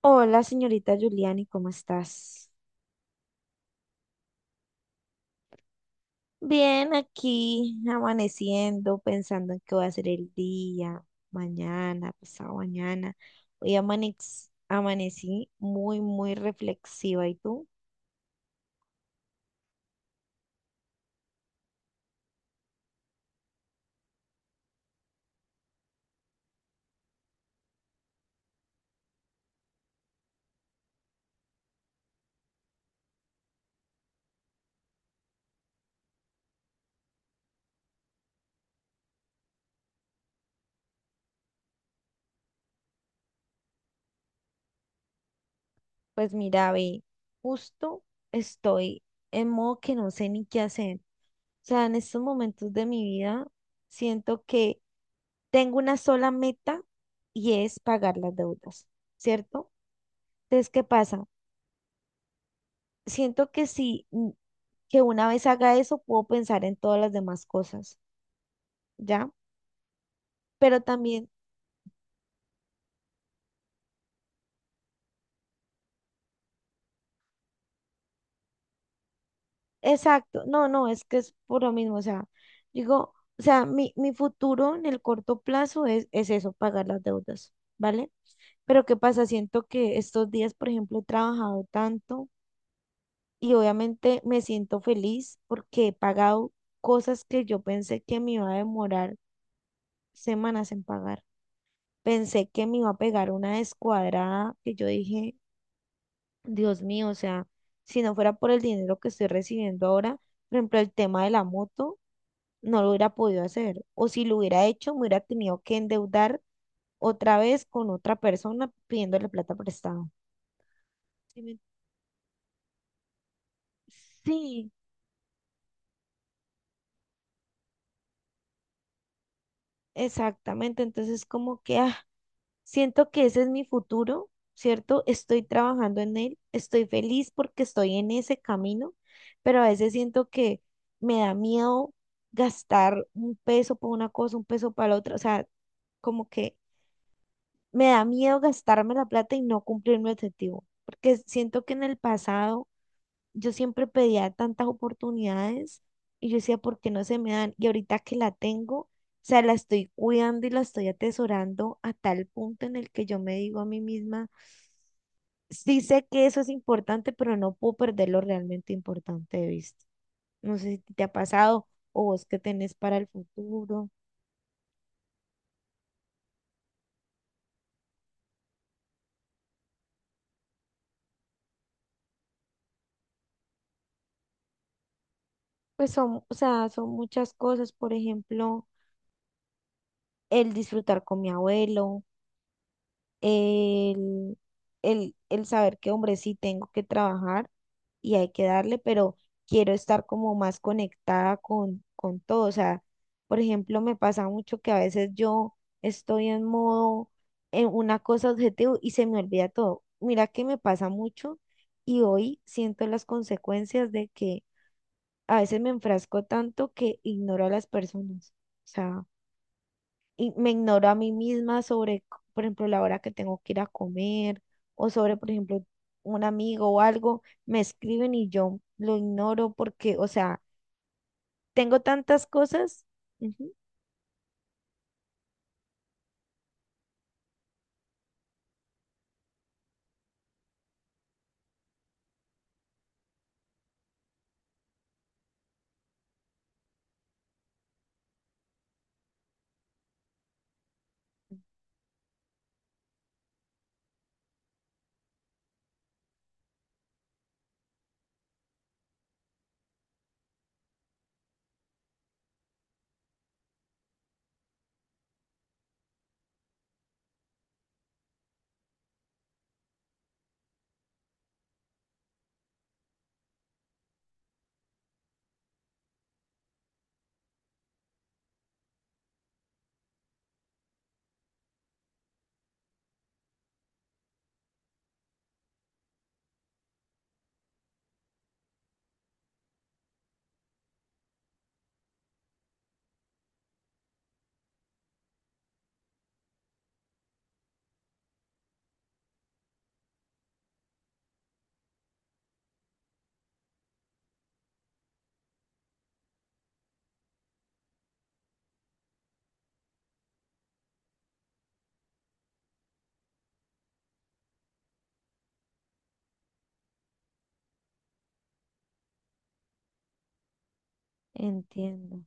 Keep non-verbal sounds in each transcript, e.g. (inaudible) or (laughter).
Hola, señorita Giuliani, ¿cómo estás? Bien, aquí amaneciendo, pensando en qué va a ser el día, mañana, pasado mañana. Hoy amanecí muy, muy reflexiva. ¿Y tú? Pues mira, ve, justo estoy en modo que no sé ni qué hacer. O sea, en estos momentos de mi vida siento que tengo una sola meta y es pagar las deudas, ¿cierto? Entonces, ¿qué pasa? Siento que sí, que una vez haga eso puedo pensar en todas las demás cosas, ¿ya? Pero también, exacto, no, no, es que es por lo mismo, o sea, digo, o sea, mi futuro en el corto plazo es eso, pagar las deudas, ¿vale? Pero ¿qué pasa? Siento que estos días, por ejemplo, he trabajado tanto y obviamente me siento feliz porque he pagado cosas que yo pensé que me iba a demorar semanas en pagar. Pensé que me iba a pegar una descuadrada que yo dije, Dios mío, o sea, si no fuera por el dinero que estoy recibiendo ahora, por ejemplo, el tema de la moto, no lo hubiera podido hacer. O si lo hubiera hecho, me hubiera tenido que endeudar otra vez con otra persona pidiéndole plata prestada. Sí, me- sí, exactamente. Entonces, como que, siento que ese es mi futuro, ¿cierto? Estoy trabajando en él, estoy feliz porque estoy en ese camino, pero a veces siento que me da miedo gastar un peso por una cosa, un peso para la otra, o sea, como que me da miedo gastarme la plata y no cumplir mi objetivo, porque siento que en el pasado yo siempre pedía tantas oportunidades y yo decía, ¿por qué no se me dan? Y ahorita que la tengo, o sea, la estoy cuidando y la estoy atesorando a tal punto en el que yo me digo a mí misma, sí sé que eso es importante, pero no puedo perder lo realmente importante de vista. No sé si te ha pasado o vos qué tenés para el futuro. Pues son, o sea, son muchas cosas, por ejemplo, el disfrutar con mi abuelo el, el saber que, hombre, sí tengo que trabajar y hay que darle, pero quiero estar como más conectada con todo. O sea, por ejemplo, me pasa mucho que a veces yo estoy en modo, en una cosa objetivo y se me olvida todo. Mira que me pasa mucho y hoy siento las consecuencias de que a veces me enfrasco tanto que ignoro a las personas. O sea, y me ignoro a mí misma por ejemplo, la hora que tengo que ir a comer o sobre, por ejemplo, un amigo o algo, me escriben y yo lo ignoro porque, o sea, tengo tantas cosas. Ujú, entiendo.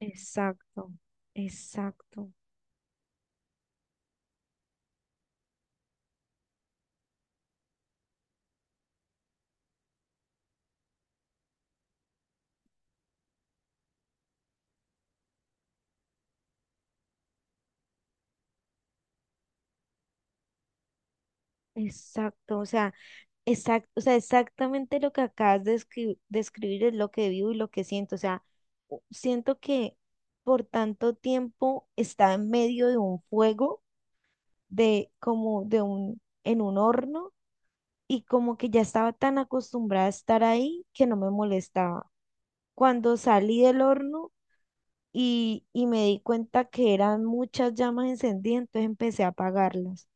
Exacto, exacto, exacto. O sea, exacto, o sea, exactamente lo que acabas de de escribir es lo que vivo y lo que siento. O sea, siento que por tanto tiempo estaba en medio de un fuego de como de un, en un horno y como que ya estaba tan acostumbrada a estar ahí que no me molestaba. Cuando salí del horno y me di cuenta que eran muchas llamas encendidas, entonces empecé a apagarlas.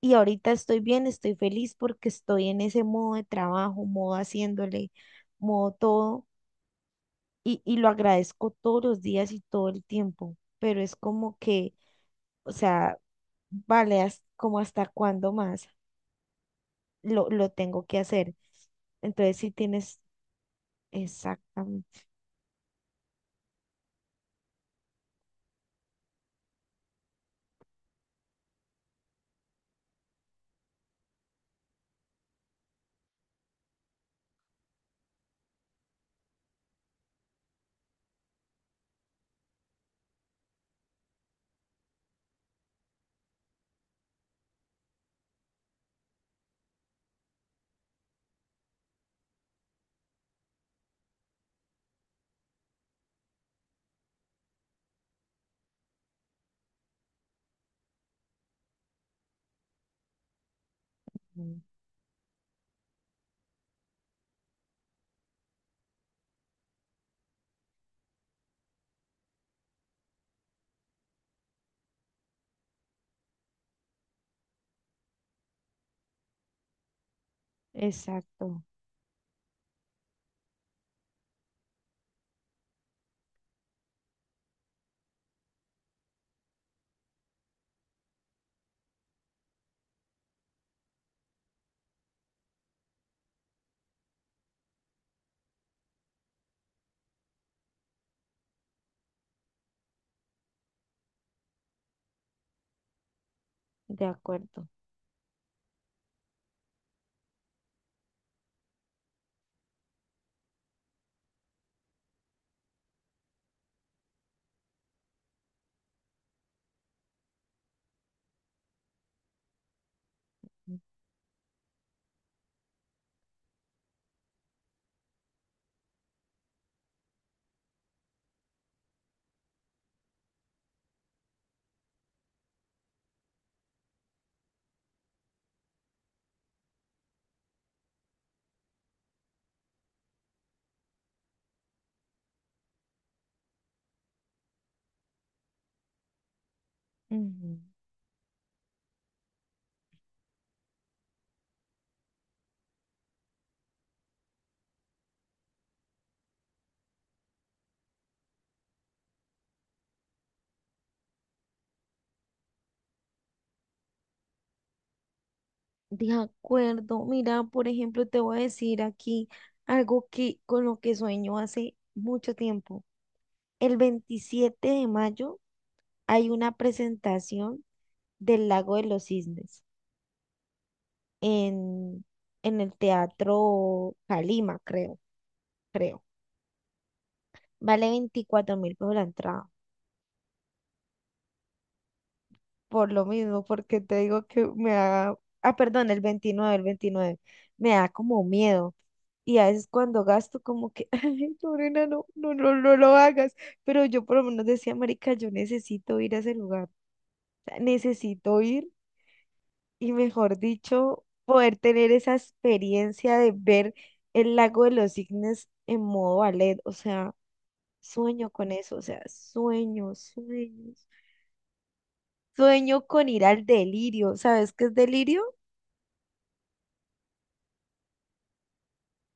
Y ahorita estoy bien, estoy feliz porque estoy en ese modo de trabajo, modo haciéndole, modo todo, y lo agradezco todos los días y todo el tiempo, pero es como que, o sea, vale, ¿hasta- como hasta cuándo más? Lo tengo que hacer. Entonces, sí tienes exactamente, mm, exacto, de acuerdo. Ujú. De acuerdo, mira, por ejemplo, te voy a decir aquí algo que con lo que sueño hace mucho tiempo. El 27 de mayo hay una presentación del Lago de los Cisnes en, en el Teatro Calima, creo, creo. Vale 24.000 pesos la entrada. Por lo mismo, porque te digo que me da, ah, perdón, el 29, el 29 me da como miedo. Y a veces cuando gasto como que, (laughs) ay, Lorena, no, no, no, no lo hagas. Pero yo por lo menos decía, marica, yo necesito ir a ese lugar. O sea, necesito ir y mejor dicho, poder tener esa experiencia de ver el lago de los cisnes en modo ballet. O sea, sueño con eso, o sea, sueño, sueños. Sueño con ir al delirio. ¿Sabes qué es delirio?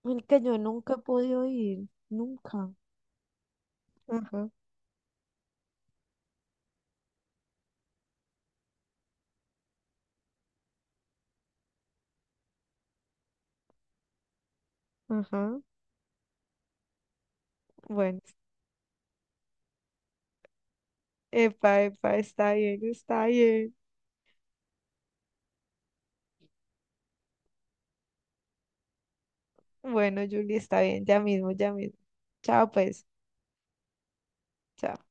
El que yo nunca he podido ir, nunca. Ajá, ajá. Bueno, epa, epa, está bien, está bien. Bueno, Julie, está bien, ya mismo, ya mismo. Chao, pues. Chao.